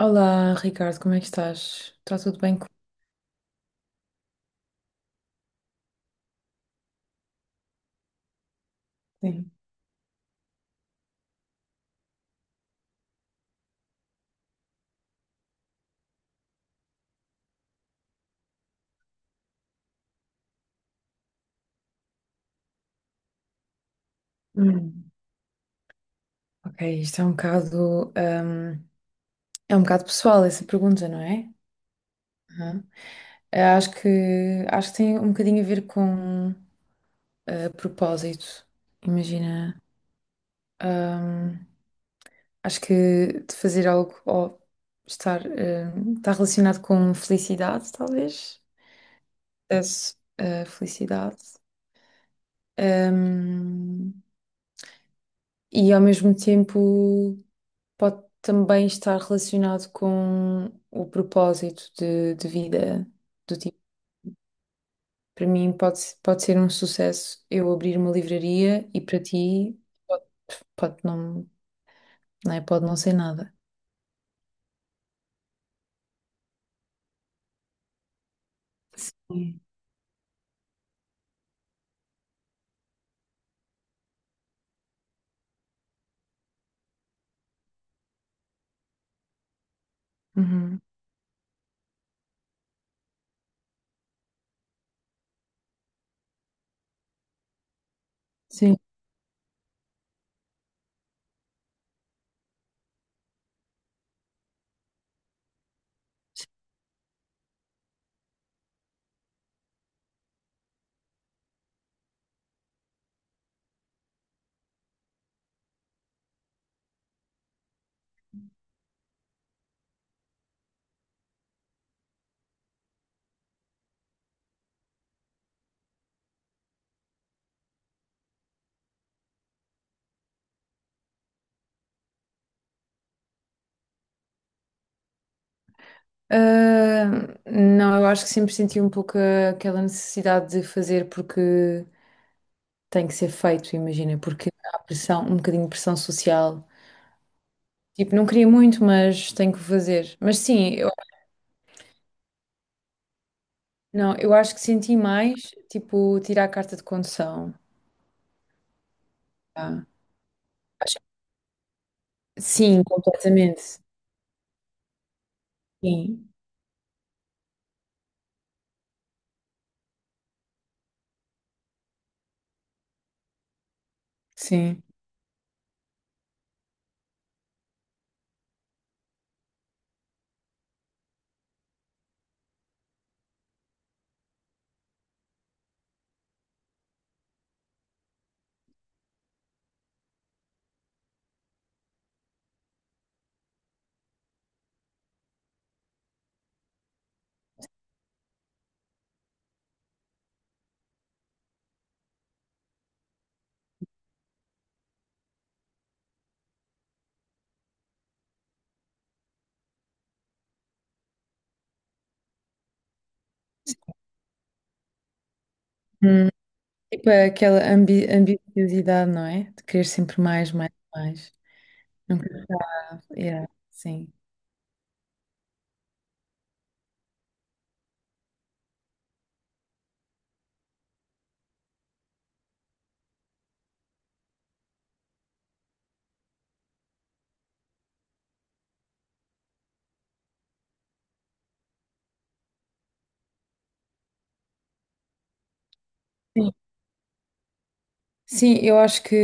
Olá, Ricardo, como é que estás? Está tudo bem com... Sim. Hum. Ok, isto é um bocado pessoal essa pergunta, não é? Aham. Acho que tem um bocadinho a ver com propósito. Imagina, hum, acho que de fazer algo ou estar, está relacionado com felicidade, talvez. Sucesso, felicidade. Hum, e ao mesmo tempo. Pode também estar relacionado com o propósito de vida. Do tipo, para mim pode, pode ser um sucesso eu abrir uma livraria e para ti pode, pode não, não é? Pode não ser nada. Sim. Uhum. Sim. Ah, não, eu acho que sempre senti um pouco aquela necessidade de fazer porque tem que ser feito, imagina, porque há pressão, um bocadinho de pressão social. Tipo, não queria muito, mas tenho que fazer. Mas sim. Não, eu acho que senti mais, tipo, tirar a carta de condução. Ah, acho- Sim, completamente. Sim, sim. Hum, tipo, é aquela ambiciosidade, não é? De querer sempre mais, mais, mais. Nunca acaba. Yeah, sim. Sim, Sim, eu acho que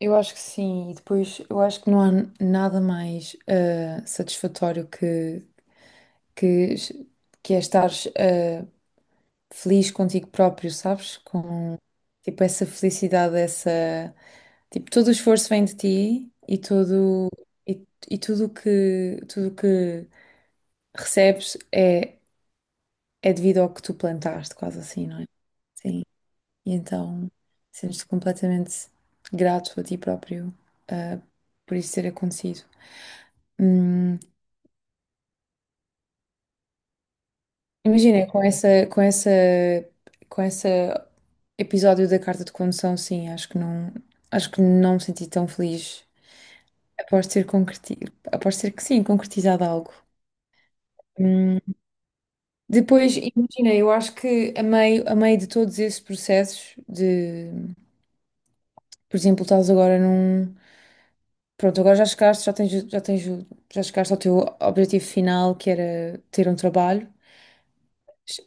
eu acho que sim. E depois eu acho que não há nada mais satisfatório que, que é estar feliz contigo próprio, sabes? Com tipo essa felicidade, essa tipo todo o esforço vem de ti e todo e, e tudo o que recebes é é devido ao que tu plantaste, quase assim, não é? Sim. E então sentes-te completamente grato a ti próprio, ah, por isso ter acontecido. Hum. Imagina, com esse episódio da carta de condução, sim, acho que não me senti tão feliz. Após ter concreti, após ter que sim, concretizado algo. Hum. Depois, imagina, eu acho que a meio de todos esses processos de, por exemplo, estás agora num, pronto, agora já chegaste, já chegaste ao teu objetivo final, que era ter um trabalho.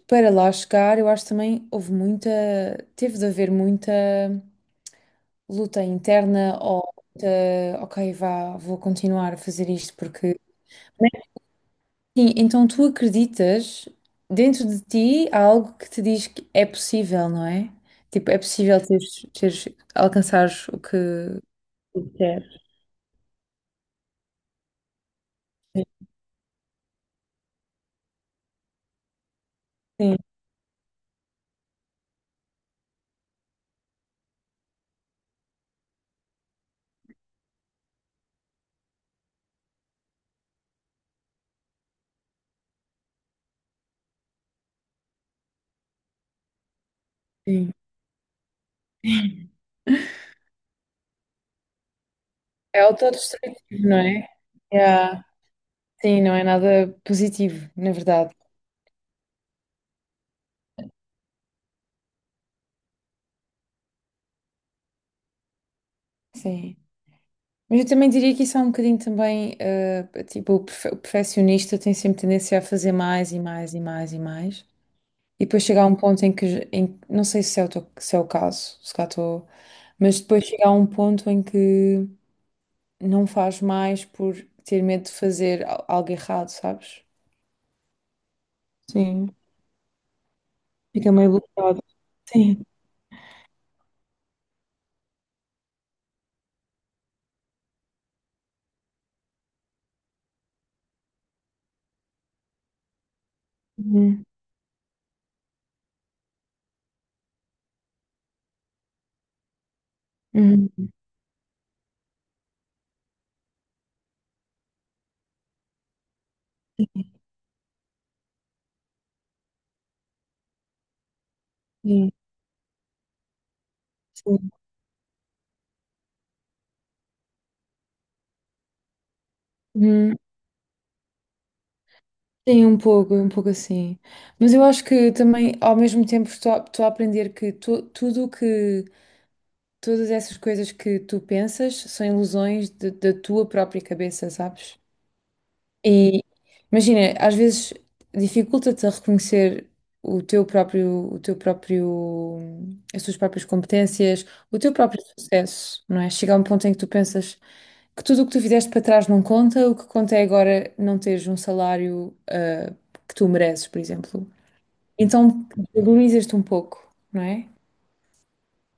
Para lá chegar, eu acho também teve de haver muita luta interna ou luta, ok, vá, vou continuar a fazer isto porque. Mas, sim, então tu acreditas, dentro de ti há algo que te diz que é possível, não é? Tipo, é possível alcançares o que queres. Sim, sim. É autodestrutivo, não é? Yeah. Sim, não é nada positivo, na verdade. Sim. Mas eu também diria que isso é um bocadinho também, tipo, o perfeccionista tem sempre tendência a fazer mais e mais e mais e mais. E depois chegar a um ponto em que, não sei se é se é o caso, se cá estou, mas depois chegar a um ponto em que não faz mais por ter medo de fazer algo errado, sabes? Sim. Fica meio bloqueado. Sim. Uhum. Uhum. Sim. Sim. Uhum. Sim, um pouco assim. Mas eu acho que também, ao mesmo tempo, estou a aprender que tudo o que, todas essas coisas que tu pensas são ilusões da tua própria cabeça, sabes? E imagina, às vezes dificulta-te a reconhecer o teu próprio, o teu próprio, as tuas próprias competências, o teu próprio sucesso, não é? Chega a um ponto em que tu pensas que tudo o que tu fizeste para trás não conta, o que conta é agora não teres um salário, que tu mereces, por exemplo. Então, valorizas-te um pouco, não é?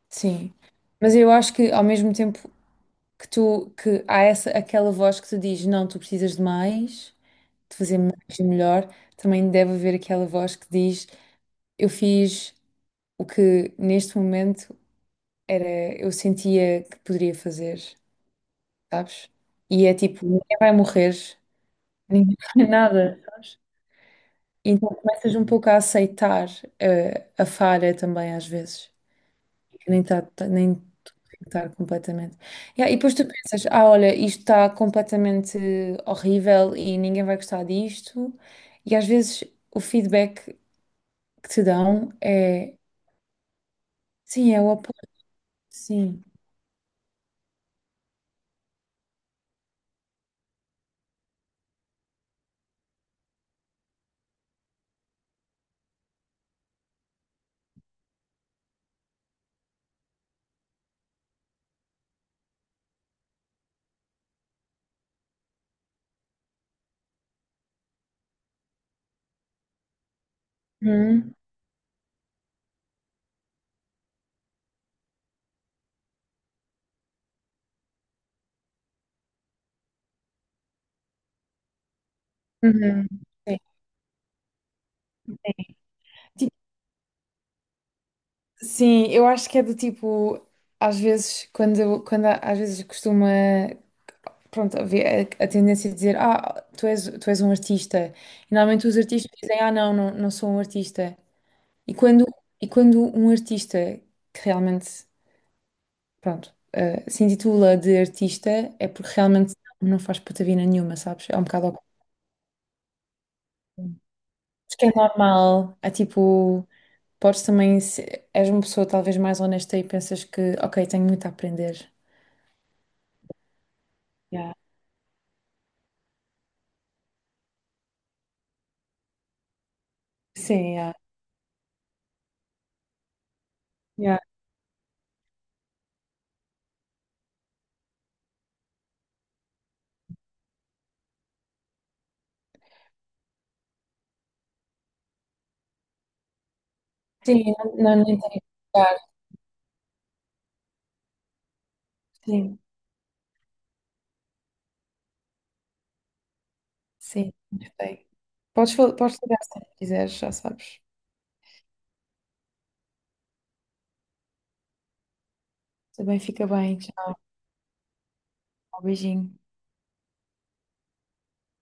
Sim. Mas eu acho que ao mesmo tempo que tu, que há essa, aquela voz que te diz, não, tu precisas de mais de fazer mais e melhor, também deve haver aquela voz que diz: eu fiz o que neste momento era, eu sentia que poderia fazer, sabes? E é tipo: ninguém vai morrer, ninguém vai nada, sabes? Então começas um pouco a aceitar falha também, às vezes, que nem está nem tudo tem que estar completamente. Yeah, e depois tu pensas, ah, olha, isto está completamente horrível e ninguém vai gostar disto. E às vezes o feedback que te dão é. Sim, é o apoio, sim. Uhum. Uhum. Sim. Tipo, sim, eu acho que é do tipo, às vezes, quando às vezes costuma, pronto, haver a tendência de dizer, ah, tu és um artista. E normalmente os artistas dizem, ah, não, não sou um artista. E quando, e quando um artista que realmente, pronto, se intitula de artista, é porque realmente não faz patavina nenhuma, sabes? É um bocado ao contrário. Acho que é normal, é tipo. Podes também, se és uma pessoa talvez mais honesta e pensas que, ok, tenho muito a aprender. Yeah. Sim, yeah. Yeah. Sim, não, não, nem tenho que ficar. Sim, sim, gostei. Podes, podes ligar se quiseres, já sabes. Também fica bem. Tchau, beijinho.